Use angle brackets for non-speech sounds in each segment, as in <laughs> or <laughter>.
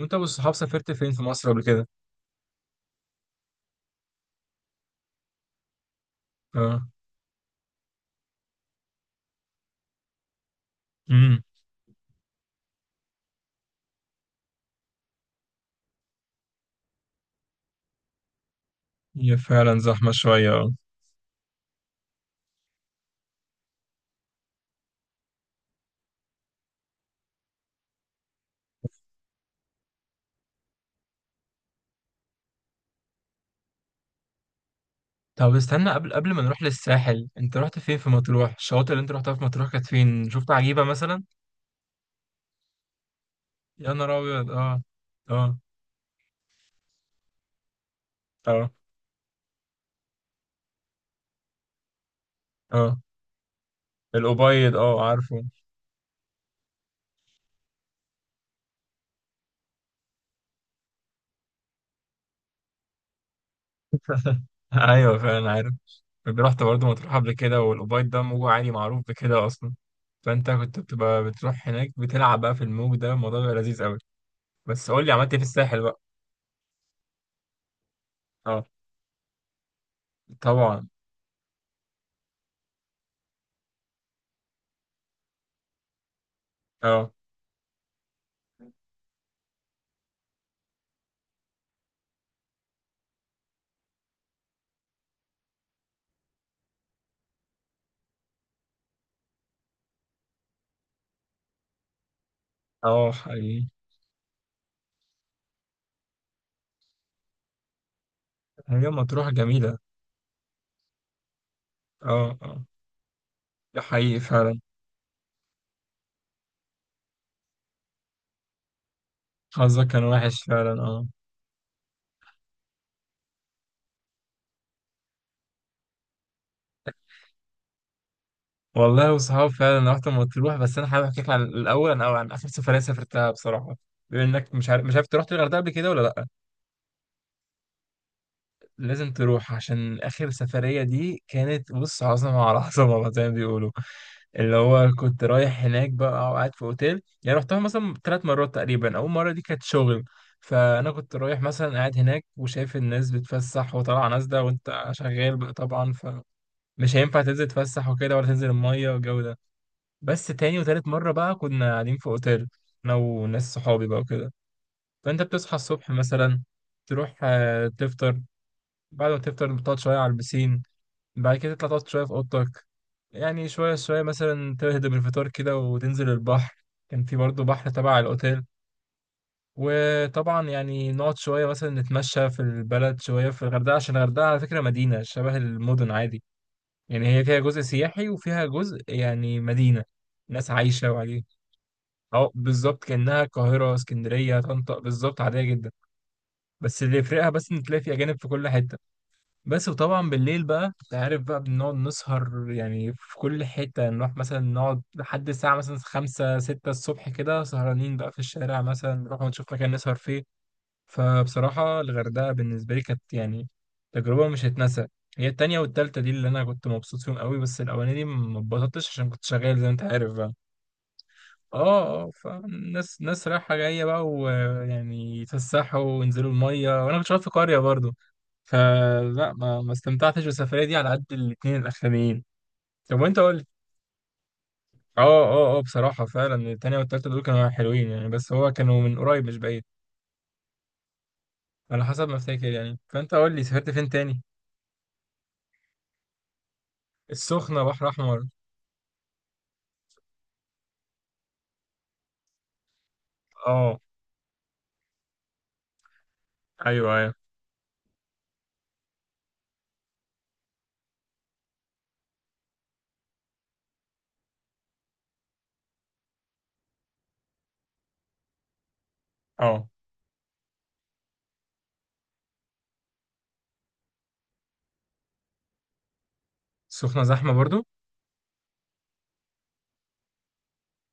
وانت والصحاب سافرت فين في مصر قبل كده؟ اه. امم. هي فعلا زحمة شوية، اه. طب استنى، قبل ما نروح للساحل، انت رحت فين في مطروح؟ الشواطئ اللي انت رحتها في مطروح كانت فين؟ شفت عجيبة مثلا؟ يا نهار ابيض، اه. اه، اه، اه. الأبيض، اه، عارفه. <laughs> ايوه، فعلا عارف. كنت رحت برضه مطروح قبل كده، والأبيض ده موجه عالي معروف بكده اصلا. فانت كنت بتبقى بتروح هناك بتلعب بقى في الموج، ده الموضوع بيبقى لذيذ قوي. بس قول لي، عملت ايه في الساحل بقى؟ اه، طبعا. اه، اه، حقيقي. هي مطروح جميلة. اه، اه. ده حقيقي فعلا. حظك كان وحش فعلا، اه. والله وصحاب، فعلا رحت مطروح، بس انا حابب احكي لك عن الاول او عن اخر سفرية سافرتها بصراحة. بما انك مش عارف أنت رحت الغردقة قبل كده ولا لا؟ لازم تروح، عشان آخر سفرية دي كانت بص، عظمة على عظمة <laughs> بقى زي ما بيقولوا. اللي هو كنت رايح هناك بقى، وقاعد في أوتيل، يعني رحتها مثلا 3 مرات تقريبا. أول مرة دي كانت شغل. فأنا كنت رايح مثلا، قاعد هناك وشايف الناس بتفسح وطالعة نازلة، وأنت شغال بقى طبعا، فمش هينفع تنزل تفسح وكده ولا تنزل المية والجو ده. بس تاني وتالت مرة بقى، كنا قاعدين في أوتيل، أنا وناس صحابي بقى وكده. فأنت بتصحى الصبح مثلا، تروح تفطر، بعد ما تفطر تقعد شوية على البسين، بعد كده تطلع تقعد شوية في أوضتك. يعني شوية شوية مثلا، تهدم الفطار كده وتنزل البحر. كان في برضه بحر تبع الأوتيل. وطبعا يعني نقعد شوية، مثلا نتمشى في البلد شوية، في الغردقة، عشان الغردقة على فكرة مدينة شبه المدن عادي. يعني هي فيها جزء سياحي، وفيها جزء يعني مدينة، ناس عايشة وعادي. أه بالظبط، كأنها القاهرة، اسكندرية، طنطا، بالظبط عادية جدا. بس اللي يفرقها بس، إن تلاقي في أجانب في كل حتة بس. وطبعا بالليل بقى انت عارف بقى، بنقعد نسهر يعني في كل حتة، نروح مثلا نقعد لحد الساعة مثلا خمسة ستة الصبح كده، سهرانين بقى في الشارع، مثلا نروح ونشوف مكان نسهر فيه. فبصراحة الغردقة بالنسبة لي كانت يعني تجربة مش هتنسى. هي التانية والتالتة دي اللي أنا كنت مبسوط فيهم قوي، بس الأولانية دي ما اتبسطتش عشان كنت شغال زي ما أنت عارف بقى. اه، اه، فالناس ناس رايحة جاية بقى، ويعني يتفسحوا وينزلوا المية، وانا كنت شغال في قرية برضو. فلا، ما استمتعتش بالسفرية دي على قد الاتنين الأخرانيين. طب وانت قول لي. اه، اه، اه، بصراحة فعلا التانية والتالتة دول كانوا حلوين، يعني بس هو كانوا من قريب مش بعيد، على حسب ما افتكر يعني. فانت قول لي، سافرت فين تاني؟ السخنة بحر أحمر. اه. ايوه، ايوه، اه. السخنة زحمة برضو.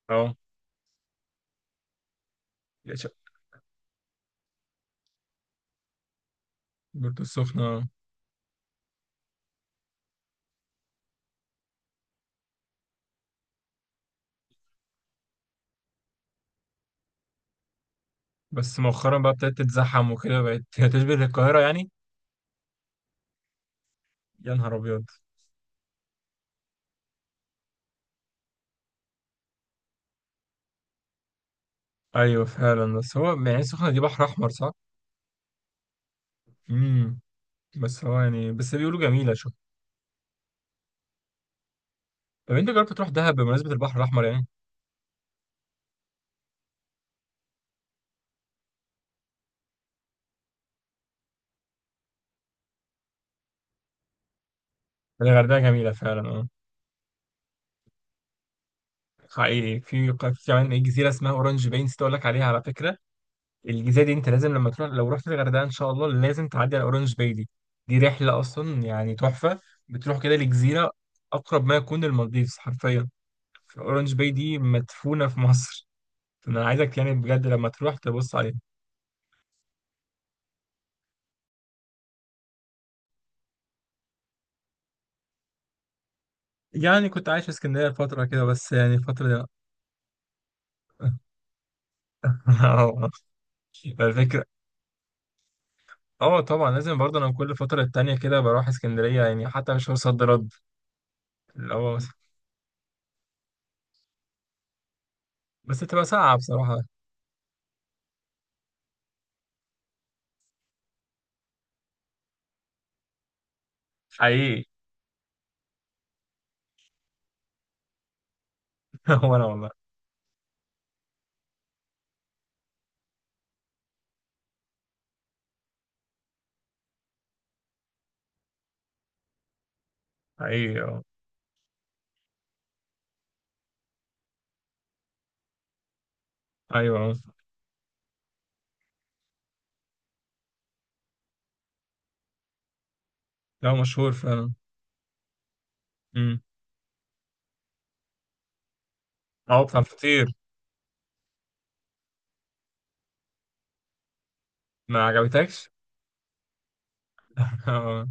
اه. برضو السخنة. بس مؤخرا بقى ابتدت تتزحم وكده، بقت <laughs> تشبه القاهرة يعني. يا نهار ابيض. ايوه فعلا، بس هو يعني السخنه دي بحر احمر صح؟ امم. بس هو يعني، بس بيقولوا جميله، شوف. طب انت جربت تروح دهب، بمناسبه البحر الاحمر يعني؟ يعني الغردقه جميله فعلا، اه. حقيقي، في كمان ايه جزيره اسمها اورنج باي، نسيت اقول لك عليها على فكره. الجزيره دي، انت لازم لما تروح، لو رحت الغردقه ان شاء الله، لازم تعدي على اورنج باي دي. دي رحله اصلا يعني تحفه. بتروح كده لجزيره اقرب ما يكون للمالديفز حرفيا. اورنج باي دي مدفونه في مصر. <laughs> فانا عايزك يعني بجد لما تروح تبص عليها. يعني كنت عايش في اسكندرية فترة كده، بس يعني الفترة دي. اه. <laughs> الفكرة. اه، طبعا لازم برضه، انا كل فترة تانية كده بروح اسكندرية، يعني حتى مش صد رد. اللي هو بس. بس بتبقى ساعة بصراحة. حقيقي. <laughs> هو انا والله. حقيقي، اه. ايوه، اه. لا مشهور فعلا. امم. اه، بتاع الفطير. ما عجبتكش؟ <laughs> اه،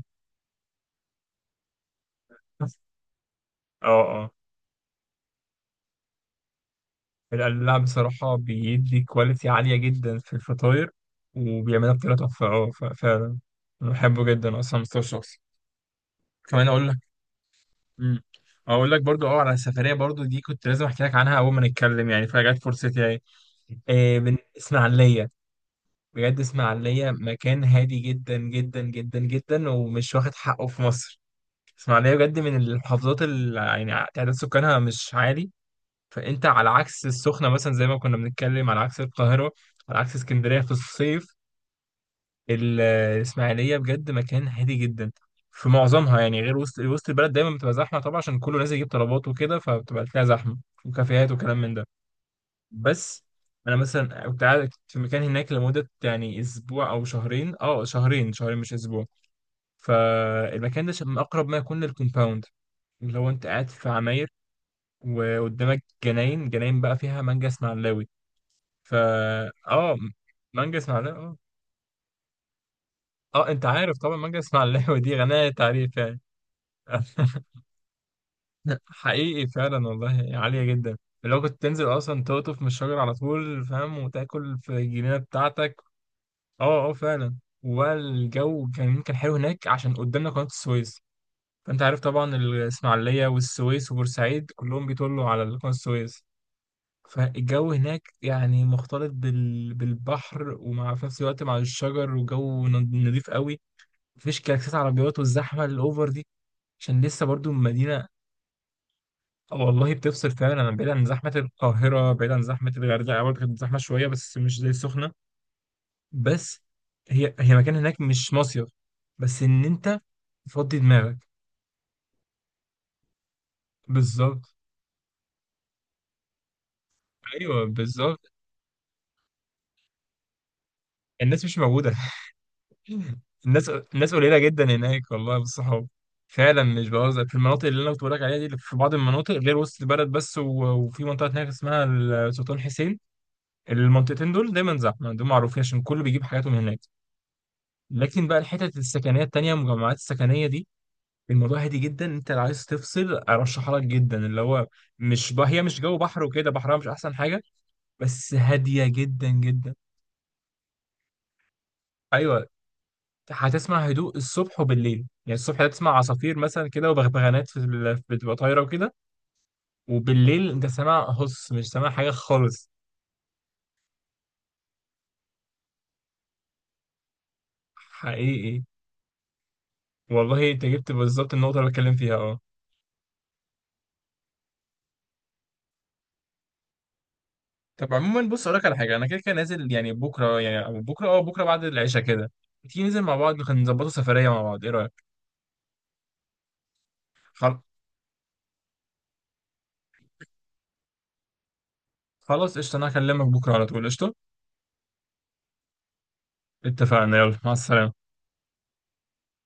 اه، اه. القلاع بصراحة بيدي كواليتي عالية جدا في الفطاير، وبيعملها بطريقة تحفة، اه فعلا. أنا بحبه جدا أصلا مستوى الشخصي. كمان أقول. امم. اقول لك برضو، اه على السفريه برضو دي كنت لازم احكي لك عنها اول ما نتكلم، يعني فجت فرصتي يعني. إيه، من اسماعيليه. بجد اسماعيليه مكان هادي جدا جدا جدا جدا، ومش واخد حقه في مصر. اسماعيليه بجد من المحافظات اللي يعني تعداد سكانها مش عالي. فانت على عكس السخنه مثلا، زي ما كنا بنتكلم، على عكس القاهره، على عكس اسكندريه في الصيف. الإسماعيلية بجد مكان هادي جدا في معظمها، يعني غير وسط البلد، دايما بتبقى زحمة طبعا عشان كله نازل يجيب طلبات وكده، فبتبقى تلاقيها زحمة وكافيهات وكلام من ده. بس. أنا مثلا كنت قاعد في مكان هناك لمدة يعني أسبوع أو شهرين، شهرين شهرين، مش أسبوع. فالمكان ده من أقرب ما يكون للكومباوند، اللي هو أنت قاعد في عماير، وقدامك جناين، جناين بقى فيها مانجا اسماعيلاوي. فا أه مانجا اسماعيلاوي، أه. أه أنت عارف طبعا مانجا اسماعيلاوي دي غنية تعريف يعني. <laughs> حقيقي فعلا والله عالية جدا. لو كنت تنزل اصلا تقطف من الشجر على طول فاهم، وتاكل في الجنينة بتاعتك. اه، اه، فعلا. والجو كان حلو هناك عشان قدامنا قناة السويس. فانت عارف طبعا الاسماعيلية والسويس وبورسعيد كلهم بيطلوا على قناة السويس. فالجو هناك يعني مختلط بالبحر، ومع في نفس الوقت مع الشجر، وجو نضيف قوي. مفيش كلاكسات عربيات والزحمة الاوفر دي، عشان لسه برضو مدينة. والله بتفصل فعلا، انا بعيد عن زحمه القاهره، بعيد عن زحمه الغردقه برضه، كانت زحمه شويه بس مش زي السخنه. بس. هي مكان هناك مش مصيف، بس ان انت تفضي دماغك. بالظبط. ايوه، بالظبط. الناس مش موجوده. <laughs> الناس قليله جدا هناك والله بالصحاب، فعلا مش بهزر، في المناطق اللي انا كنت بقولك عليها دي، اللي في بعض المناطق غير وسط البلد بس، و- وفي منطقه هناك اسمها السلطان حسين. المنطقتين دول دايما زحمه، دول معروفين عشان كله بيجيب حاجاته من هناك. لكن بقى الحتت السكنيه التانيه، المجمعات السكنيه دي، الموضوع هادي جدا. انت لو عايز تفصل، ارشحها لك جدا. اللي هو مش بقى هي مش جو بحر وكده، بحرها مش احسن حاجه، بس هاديه جدا جدا. ايوه. هتسمع هدوء الصبح وبالليل. يعني الصبح هتسمع عصافير مثلا كده، وبغبغانات بتبقى طايره وكده. وبالليل انت سامع هص، مش سامع حاجه خالص. حقيقي. والله انت جبت بالظبط النقطه اللي بتكلم فيها، اه. طب عموما بص، اقول لك على حاجه، انا كده كده نازل يعني بكره، يعني أو بكره بكره بعد العشاء كده، تيجي ننزل مع بعض، نظبطوا سفريه مع بعض، ايه رايك؟ خل- خلاص قشطه، انا هكلمك بكره على طول، قشطه. اتفقنا، يلا مع السلامه.